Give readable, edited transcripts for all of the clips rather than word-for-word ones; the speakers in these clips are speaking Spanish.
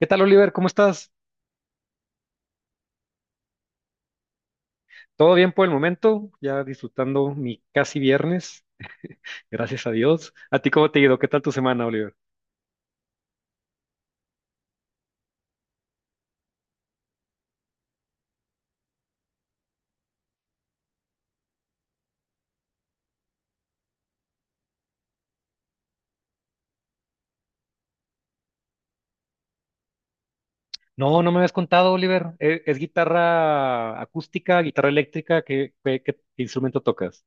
¿Qué tal, Oliver? ¿Cómo estás? ¿Todo bien por el momento? Ya disfrutando mi casi viernes, gracias a Dios. ¿A ti cómo te ha ido? ¿Qué tal tu semana, Oliver? No, no me habías contado, Oliver. ¿Es, guitarra acústica, guitarra eléctrica? ¿Qué instrumento tocas?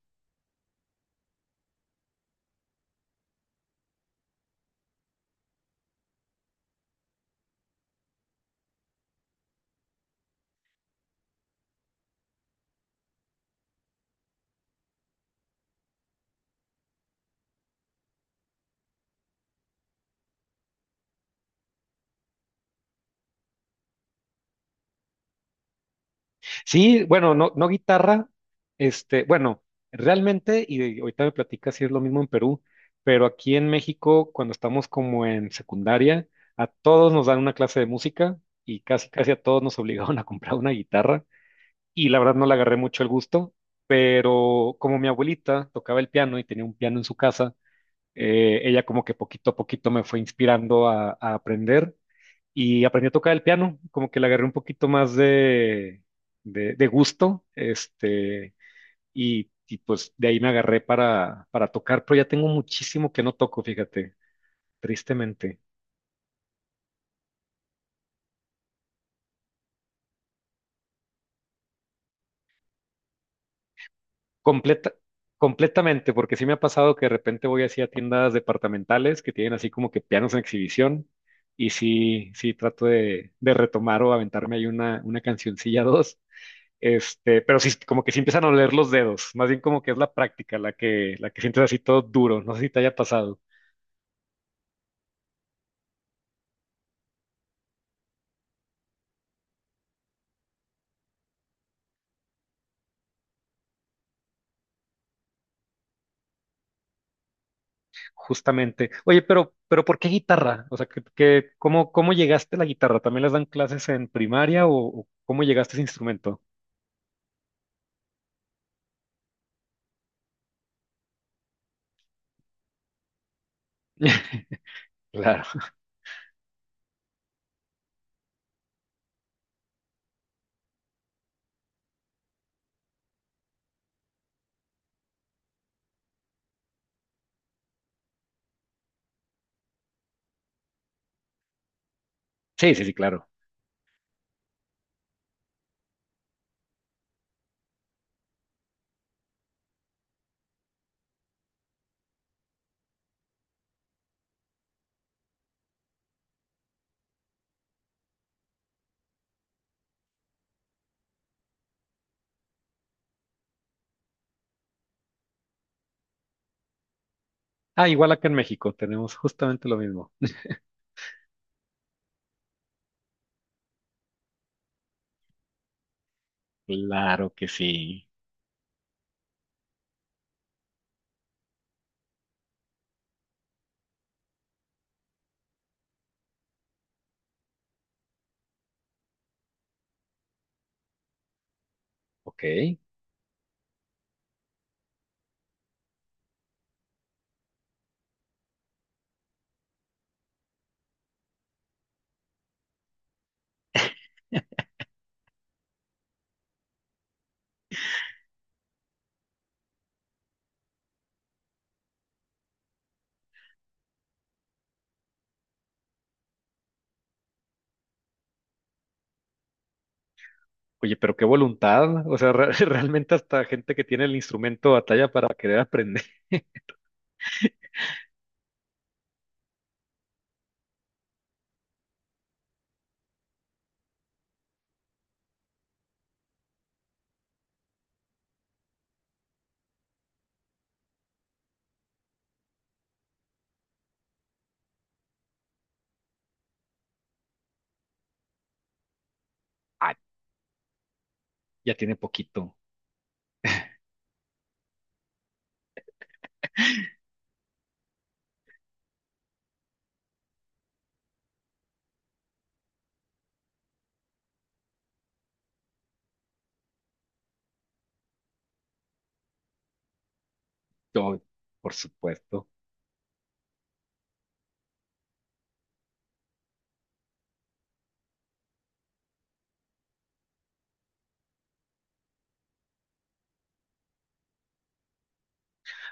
Sí, bueno, no, no guitarra. Bueno, realmente, y ahorita me platicas si es lo mismo en Perú, pero aquí en México, cuando estamos como en secundaria, a todos nos dan una clase de música y casi, casi a todos nos obligaron a comprar una guitarra. Y la verdad no le agarré mucho el gusto, pero como mi abuelita tocaba el piano y tenía un piano en su casa, ella como que poquito a poquito me fue inspirando a, aprender y aprendí a tocar el piano, como que le agarré un poquito más de gusto, y pues de ahí me agarré para, tocar, pero ya tengo muchísimo que no toco, fíjate, tristemente. Completa, completamente, porque sí me ha pasado que de repente voy así a tiendas departamentales que tienen así como que pianos en exhibición y sí, sí trato de retomar o aventarme ahí una, cancioncilla dos, pero sí, como que sí empiezan a oler los dedos, más bien como que es la práctica la que sientes así todo duro, no sé si te haya pasado, justamente. Oye, pero ¿por qué guitarra? O sea, ¿cómo, cómo llegaste a la guitarra? ¿También les dan clases en primaria o cómo llegaste a ese instrumento? Claro. Sí, sí, sí, claro. Ah, igual acá en México tenemos justamente lo mismo. Claro que sí. Ok. Oye, pero qué voluntad. O sea, realmente hasta gente que tiene el instrumento batalla para querer aprender. Ah, ya tiene poquito. Yo, por supuesto.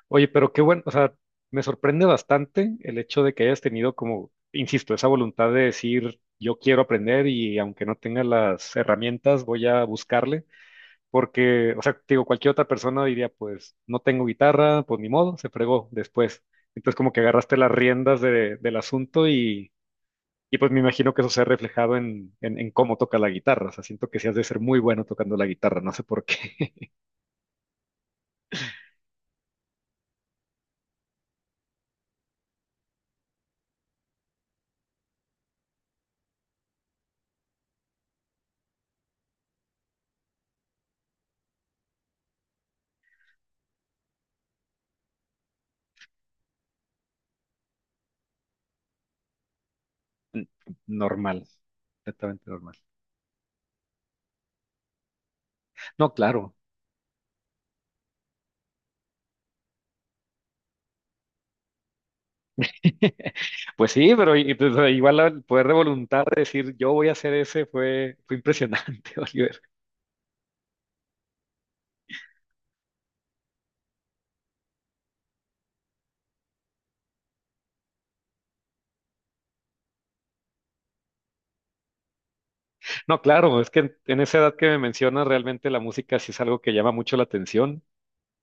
Oye, pero qué bueno. O sea, me sorprende bastante el hecho de que hayas tenido como, insisto, esa voluntad de decir, yo quiero aprender y aunque no tenga las herramientas, voy a buscarle. Porque, o sea, te digo, cualquier otra persona diría, pues, no tengo guitarra, pues ni modo, se fregó después. Entonces, como que agarraste las riendas de- del asunto y, pues me imagino que eso se ha reflejado en cómo toca la guitarra. O sea, siento que sí has de ser muy bueno tocando la guitarra, no sé por qué. Normal, completamente normal. No, claro. Pues sí, pero y, pues, igual el poder de voluntad de decir yo voy a hacer ese fue, fue impresionante, Oliver. No, claro, es que en esa edad que me mencionas, realmente la música sí es algo que llama mucho la atención.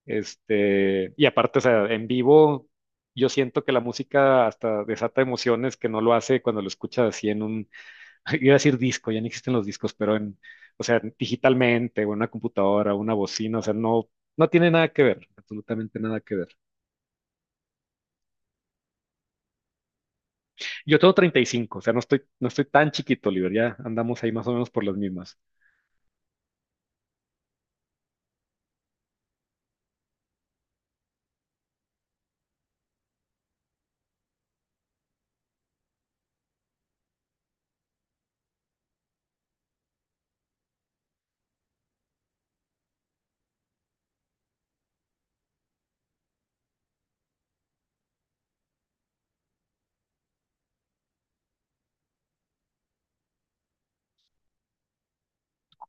Y aparte, o sea, en vivo, yo siento que la música hasta desata emociones que no lo hace cuando lo escuchas así en un, iba a decir disco, ya no existen los discos, pero en, o sea, digitalmente, o en una computadora, una bocina, o sea, no, no tiene nada que ver, absolutamente nada que ver. Yo tengo 35, o sea, no estoy, no estoy tan chiquito, Oliver, ya andamos ahí más o menos por las mismas.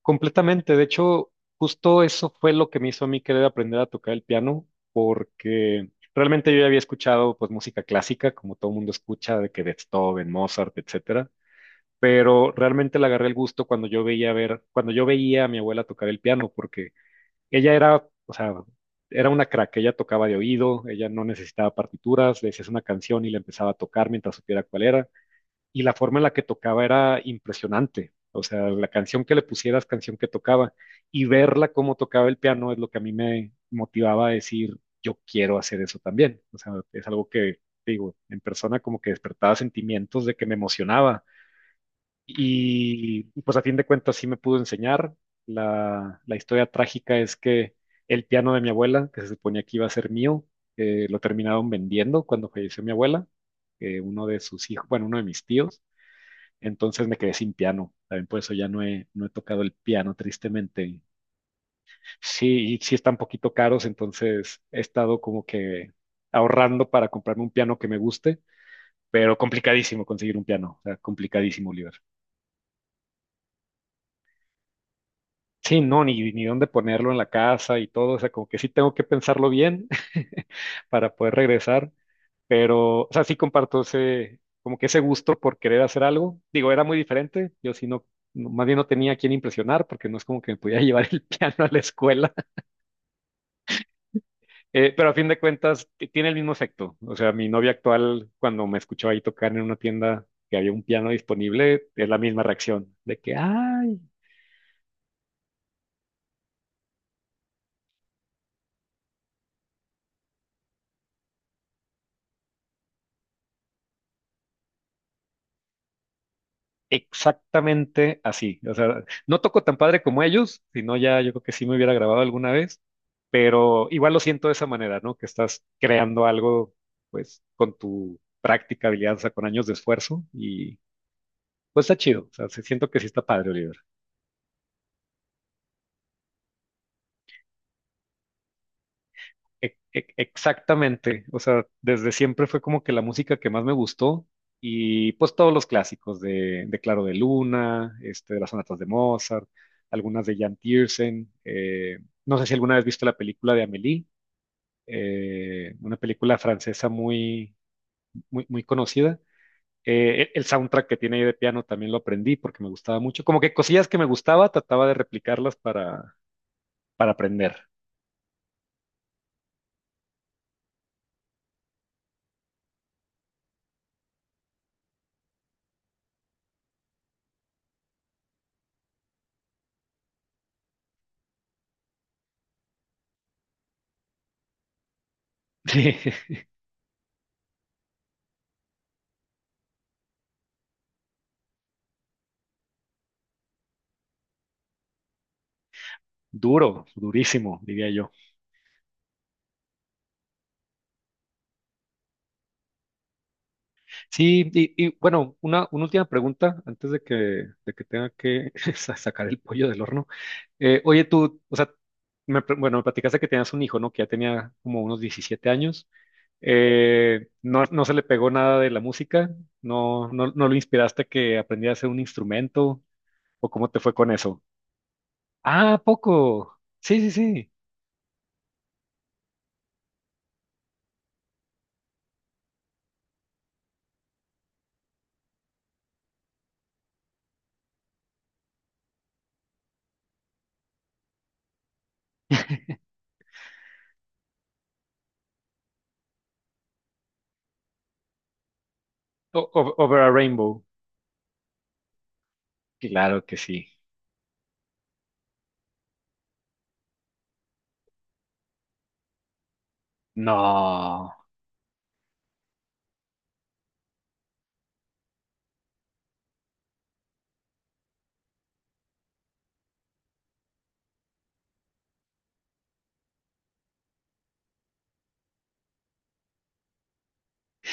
Completamente. De hecho, justo eso fue lo que me hizo a mí querer aprender a tocar el piano, porque realmente yo ya había escuchado pues música clásica, como todo mundo escucha, de que Beethoven, Mozart, etcétera. Pero realmente le agarré el gusto cuando cuando yo veía a mi abuela tocar el piano, porque ella era, o sea, era una crack, ella tocaba de oído, ella no necesitaba partituras, le decías una canción y la empezaba a tocar mientras supiera cuál era y la forma en la que tocaba era impresionante. O sea, la canción que le pusieras, canción que tocaba, y verla cómo tocaba el piano es lo que a mí me motivaba a decir, yo quiero hacer eso también. O sea, es algo que, te digo, en persona como que despertaba sentimientos de que me emocionaba. Y, pues a fin de cuentas sí me pudo enseñar. La historia trágica es que el piano de mi abuela, que se suponía que iba a ser mío, lo terminaron vendiendo cuando falleció mi abuela, uno de sus hijos, bueno, uno de mis tíos, entonces me quedé sin piano. También por eso ya no he tocado el piano, tristemente. Sí, y sí están poquito caros, entonces he estado como que ahorrando para comprarme un piano que me guste, pero complicadísimo conseguir un piano, o sea, complicadísimo, Oliver. Sí, no, ni dónde ponerlo en la casa y todo, o sea, como que sí tengo que pensarlo bien para poder regresar. Pero, o sea, sí comparto ese, como que ese gusto por querer hacer algo. Digo, era muy diferente. Yo sí más bien no tenía a quién impresionar porque no es como que me podía llevar el piano a la escuela. Pero a fin de cuentas, tiene el mismo efecto. O sea, mi novia actual, cuando me escuchó ahí tocar en una tienda que había un piano disponible, es la misma reacción de que, ay. Exactamente así. O sea, no toco tan padre como ellos, sino ya yo creo que sí me hubiera grabado alguna vez, pero igual lo siento de esa manera, ¿no? Que estás creando algo, pues, con tu práctica, habilidad, o sea, con años de esfuerzo y pues está chido. O sea, sí siento que sí está padre, Oliver. Exactamente, o sea, desde siempre fue como que la música que más me gustó y pues todos los clásicos de Claro de Luna, de las sonatas de Mozart, algunas de Jan Tiersen, no sé si alguna vez viste la película de Amélie, una película francesa muy, muy, muy conocida. El soundtrack que tiene ahí de piano también lo aprendí porque me gustaba mucho, como que cosillas que me gustaba trataba de replicarlas para aprender. Sí, duro, durísimo, diría yo. Sí, y, bueno, una, última pregunta antes de que tenga que sacar el pollo del horno. Oye, tú, o sea, me, bueno, me platicaste que tenías un hijo, ¿no? Que ya tenía como unos 17 años. No, no se le pegó nada de la música, no, no, no lo inspiraste a que aprendiera a hacer un instrumento, o cómo te fue con eso. Ah, poco. Sí, sí, sí. Over a Rainbow. Claro que sí. No.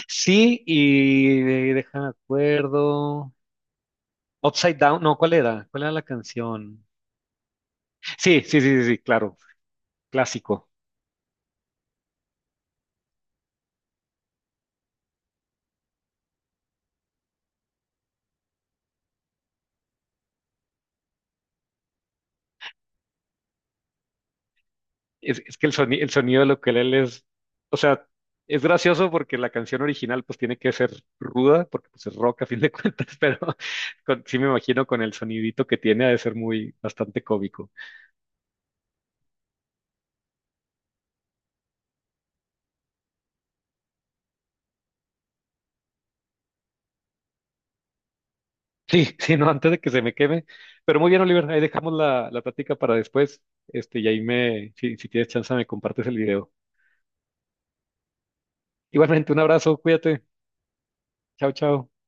Sí, y deja de acuerdo. Upside Down, no, ¿cuál era? ¿Cuál era la canción? Sí, sí, sí, sí, sí, claro, clásico. Es que el sonido de lo que él es, o sea, es gracioso porque la canción original pues tiene que ser ruda, porque pues es rock a fin de cuentas, pero sí me imagino con el sonidito que tiene ha de ser muy, bastante cómico. Sí, sí, no, antes de que se me queme. Pero muy bien, Oliver, ahí dejamos la plática para después, y ahí me, si tienes chance me compartes el video. Igualmente, un abrazo, cuídate, chao, chao.